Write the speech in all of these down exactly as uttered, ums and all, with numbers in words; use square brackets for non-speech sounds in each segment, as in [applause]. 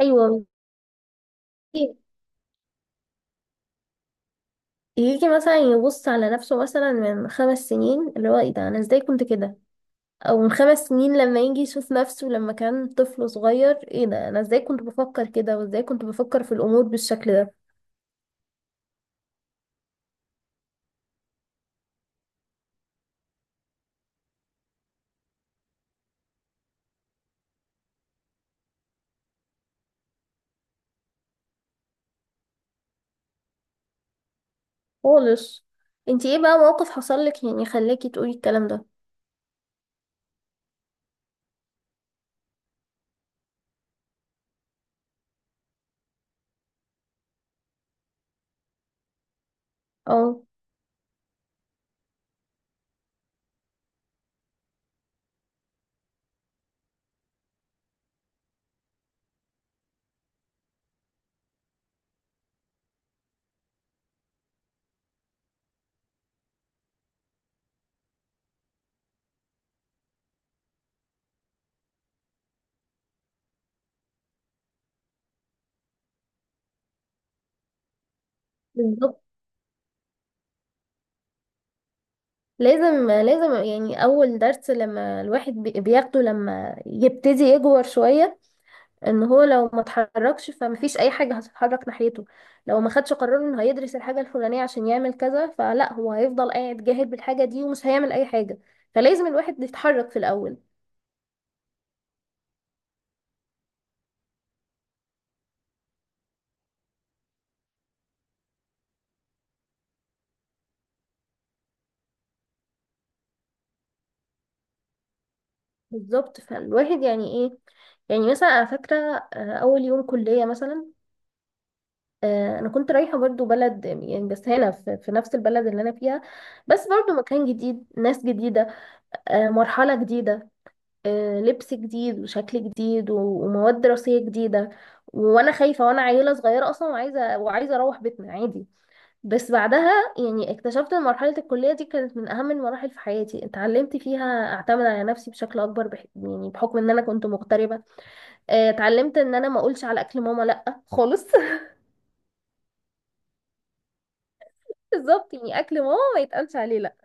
ايوه. يجي يجي مثلا يبص على نفسه مثلا من خمس سنين، اللي هو ايه ده، انا ازاي كنت كده؟ او من خمس سنين لما يجي يشوف نفسه لما كان طفل صغير، ايه ده، انا ازاي كنت بفكر كده وازاي كنت بفكر في الامور بالشكل ده؟ خالص. انتي ايه بقى موقف حصل لك يعني خلاكي تقولي الكلام ده؟ اه، بالظبط. لازم لازم يعني اول درس لما الواحد بي- بياخده لما يبتدي يكبر شوية، ان هو لو ما اتحركش فمفيش اي حاجة هتتحرك ناحيته. لو ما خدش قرار انه هيدرس الحاجة الفلانية عشان يعمل كذا، فلا هو هيفضل قاعد جاهل بالحاجة دي ومش هيعمل اي حاجة. فلازم الواحد يتحرك في الاول. بالظبط، فالواحد يعني ايه. يعني مثلا انا فاكرة آه، اول يوم كلية مثلا. آه، انا كنت رايحة برضو بلد، يعني بس هنا في في نفس البلد اللي انا فيها، بس برضو مكان جديد، ناس جديدة، آه، مرحلة جديدة، آه، لبس جديد وشكل جديد و- ومواد دراسية جديدة. وانا خايفة وانا عيلة صغيرة اصلا وعايزة وعايزة اروح بيتنا عادي. بس بعدها يعني اكتشفت ان مرحلة الكلية دي كانت من اهم المراحل في حياتي. اتعلمت فيها اعتمد على نفسي بشكل اكبر بح... يعني بحكم ان انا كنت مغتربة. آه، اتعلمت ان انا ما اقولش على اكل ماما لا خالص. [laughs] بالظبط. يعني اكل ماما ما يتقالش عليه لا.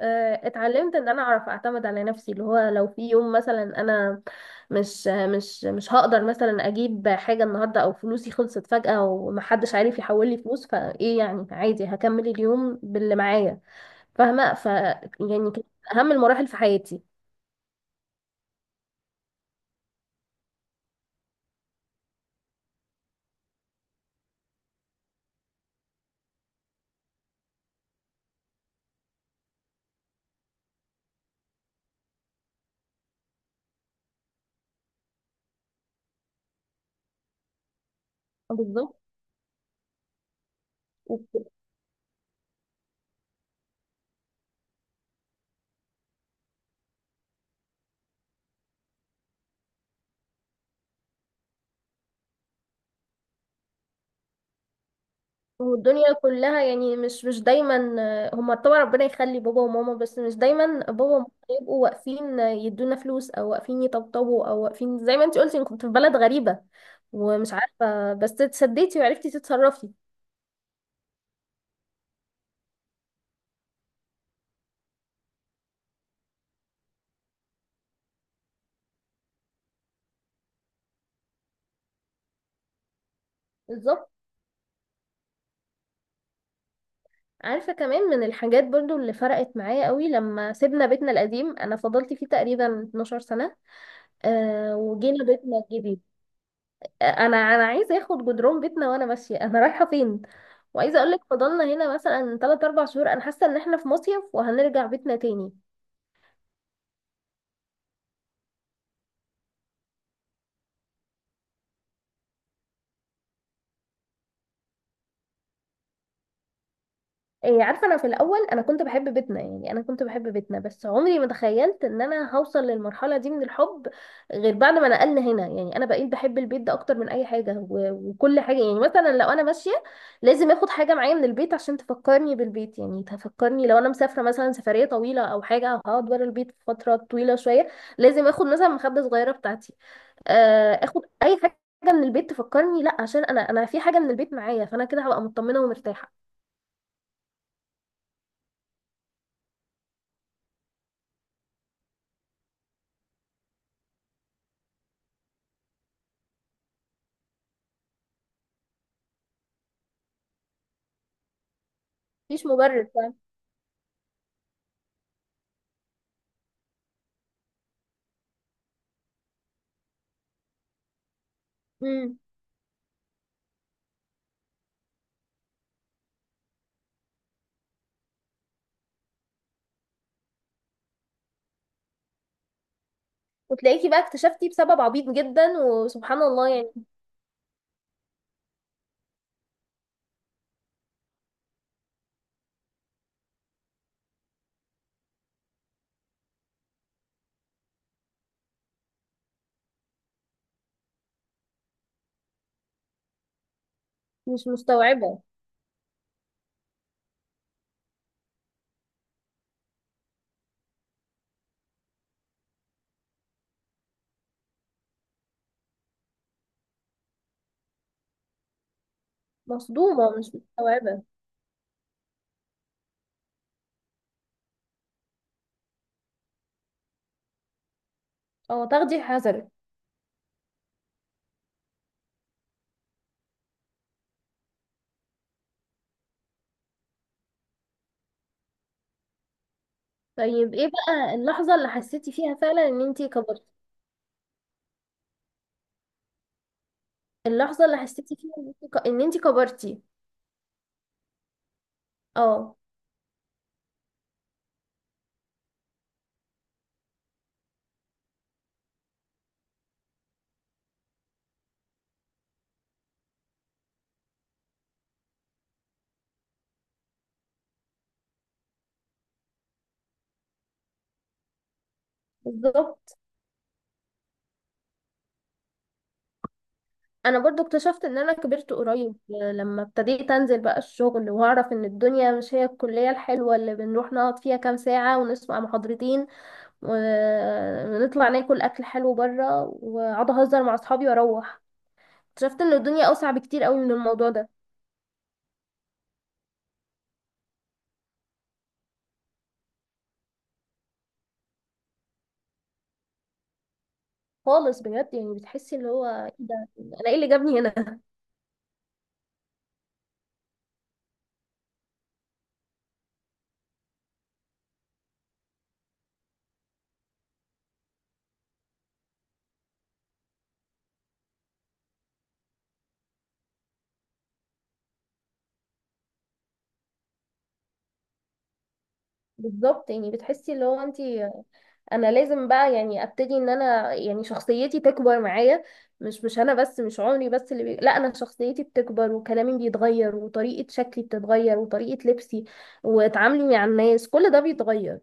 آه، اتعلمت ان انا اعرف اعتمد على نفسي، اللي هو لو في يوم مثلا انا مش مش مش هقدر مثلا اجيب حاجه النهارده، او فلوسي خلصت فجاه ومحدش عارف يحول لي فلوس، فايه يعني؟ عادي هكمل اليوم باللي معايا. فاهمه، ف يعني كانت اهم المراحل في حياتي. بالظبط. والدنيا كلها يعني مش مش دايما آه، هما طبعا ربنا يخلي بابا وماما، بس مش دايما بابا وماما يبقوا واقفين، آه، يدونا فلوس، او واقفين يطبطبوا، او واقفين زي ما انت قلتي انك كنت في بلد غريبة ومش عارفة، بس اتسديتي وعرفتي تتصرفي. بالظبط. عارفة كمان من الحاجات برضو اللي فرقت معايا قوي، لما سيبنا بيتنا القديم انا فضلت فيه تقريبا اتناشر سنة. أه، وجينا بيتنا الجديد. انا انا عايزه اخد جدران بيتنا وانا ماشيه، انا رايحه فين. وعايزه اقول لك فضلنا هنا مثلا ثلاثة أربعة شهور، انا حاسه ان احنا في مصيف وهنرجع بيتنا تاني. إيه، عارفة، أنا في الأول أنا كنت بحب بيتنا، يعني أنا كنت بحب بيتنا، بس عمري ما تخيلت إن أنا هوصل للمرحلة دي من الحب غير بعد ما نقلنا هنا. يعني أنا بقيت بحب البيت ده أكتر من أي حاجة و- وكل حاجة. يعني مثلا لو أنا ماشية لازم آخد حاجة معايا من البيت عشان تفكرني بالبيت. يعني تفكرني، لو أنا مسافرة مثلا سفرية طويلة أو حاجة، أو هقعد ورا البيت فترة طويلة شوية، لازم آخد مثلا مخدة صغيرة بتاعتي، آه، آخد أي حاجة من البيت تفكرني، لا عشان أنا أنا في حاجة من البيت معايا، فأنا كده هبقى مطمنة ومرتاحة. مفيش مبرر. امم وتلاقيكي بقى اكتشفتي بسبب عبيط جدا، وسبحان الله يعني. مش مستوعبة. مصدومة، مش مستوعبة. اه، تاخدي حذرك. طيب، ايه بقى اللحظة اللي حسيتي فيها فعلا ان انتي كبرتي؟ اللحظة اللي حسيتي فيها ان انتي ك- إن إنتي كبرتي؟ اه، بالظبط. انا برضو اكتشفت ان انا كبرت قريب لما ابتديت انزل بقى الشغل، واعرف ان الدنيا مش هي الكلية الحلوة اللي بنروح نقعد فيها كام ساعة ونسمع محاضرتين، ونطلع ناكل اكل حلو بره، واقعد اهزر مع اصحابي واروح. اكتشفت ان الدنيا اوسع بكتير قوي من الموضوع ده. خالص، بجد. يعني بتحسي اللي هو إيه ده، انا ايه اللي جابني هنا. [laughs] بالظبط. يعني بتحسي اللي هو انت، انا لازم بقى يعني ابتدي ان انا يعني شخصيتي تكبر معايا. مش مش انا بس، مش عمري بس اللي بي... لا انا شخصيتي بتكبر، وكلامي بيتغير، وطريقة شكلي بتتغير، وطريقة لبسي وتعاملي مع الناس، كل ده بيتغير.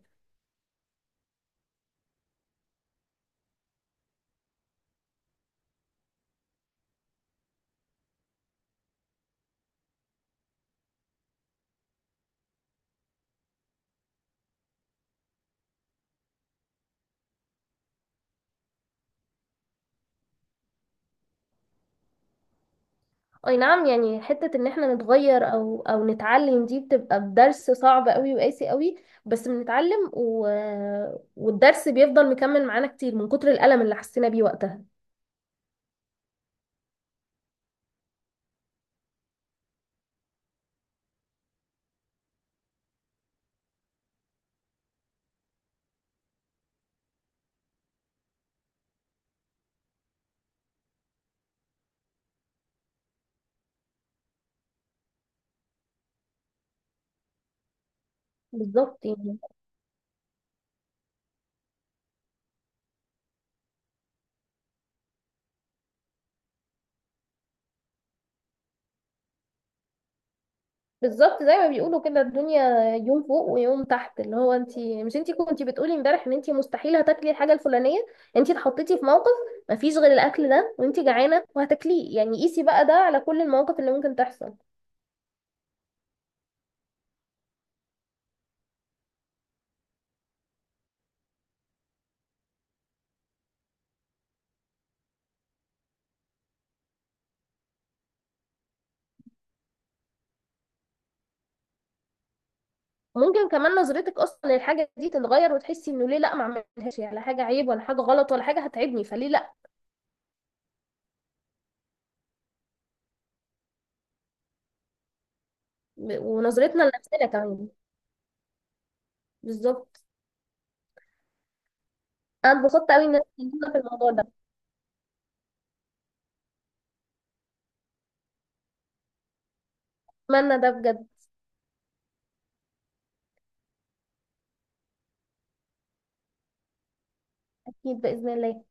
اي نعم. يعني حتة ان احنا نتغير او او نتعلم دي بتبقى بدرس صعب قوي وقاسي قوي. بس بنتعلم و... والدرس بيفضل مكمل معانا كتير من كتر الألم اللي حسينا بيه وقتها. بالظبط يعني بالظبط، زي ما بيقولوا كده الدنيا يوم فوق ويوم تحت. اللي هو انت، مش انت كنتي بتقولي امبارح ان انت مستحيل هتاكلي الحاجة الفلانية، انت اتحطيتي في موقف مفيش غير الاكل ده وانت جعانة وهتاكليه. يعني قيسي بقى ده على كل المواقف اللي ممكن تحصل. ممكن كمان نظرتك اصلا للحاجه دي تتغير، وتحسي انه ليه لا ما اعملهاش، يعني لا حاجه عيب ولا حاجه غلط ولا حاجه هتعبني، فليه لا؟ ب- ونظرتنا لنفسنا كمان. بالظبط. انا اتبسطت قوي ان انا اتكلمنا في الموضوع ده. اتمنى ده بجد. اكيد باذن الله.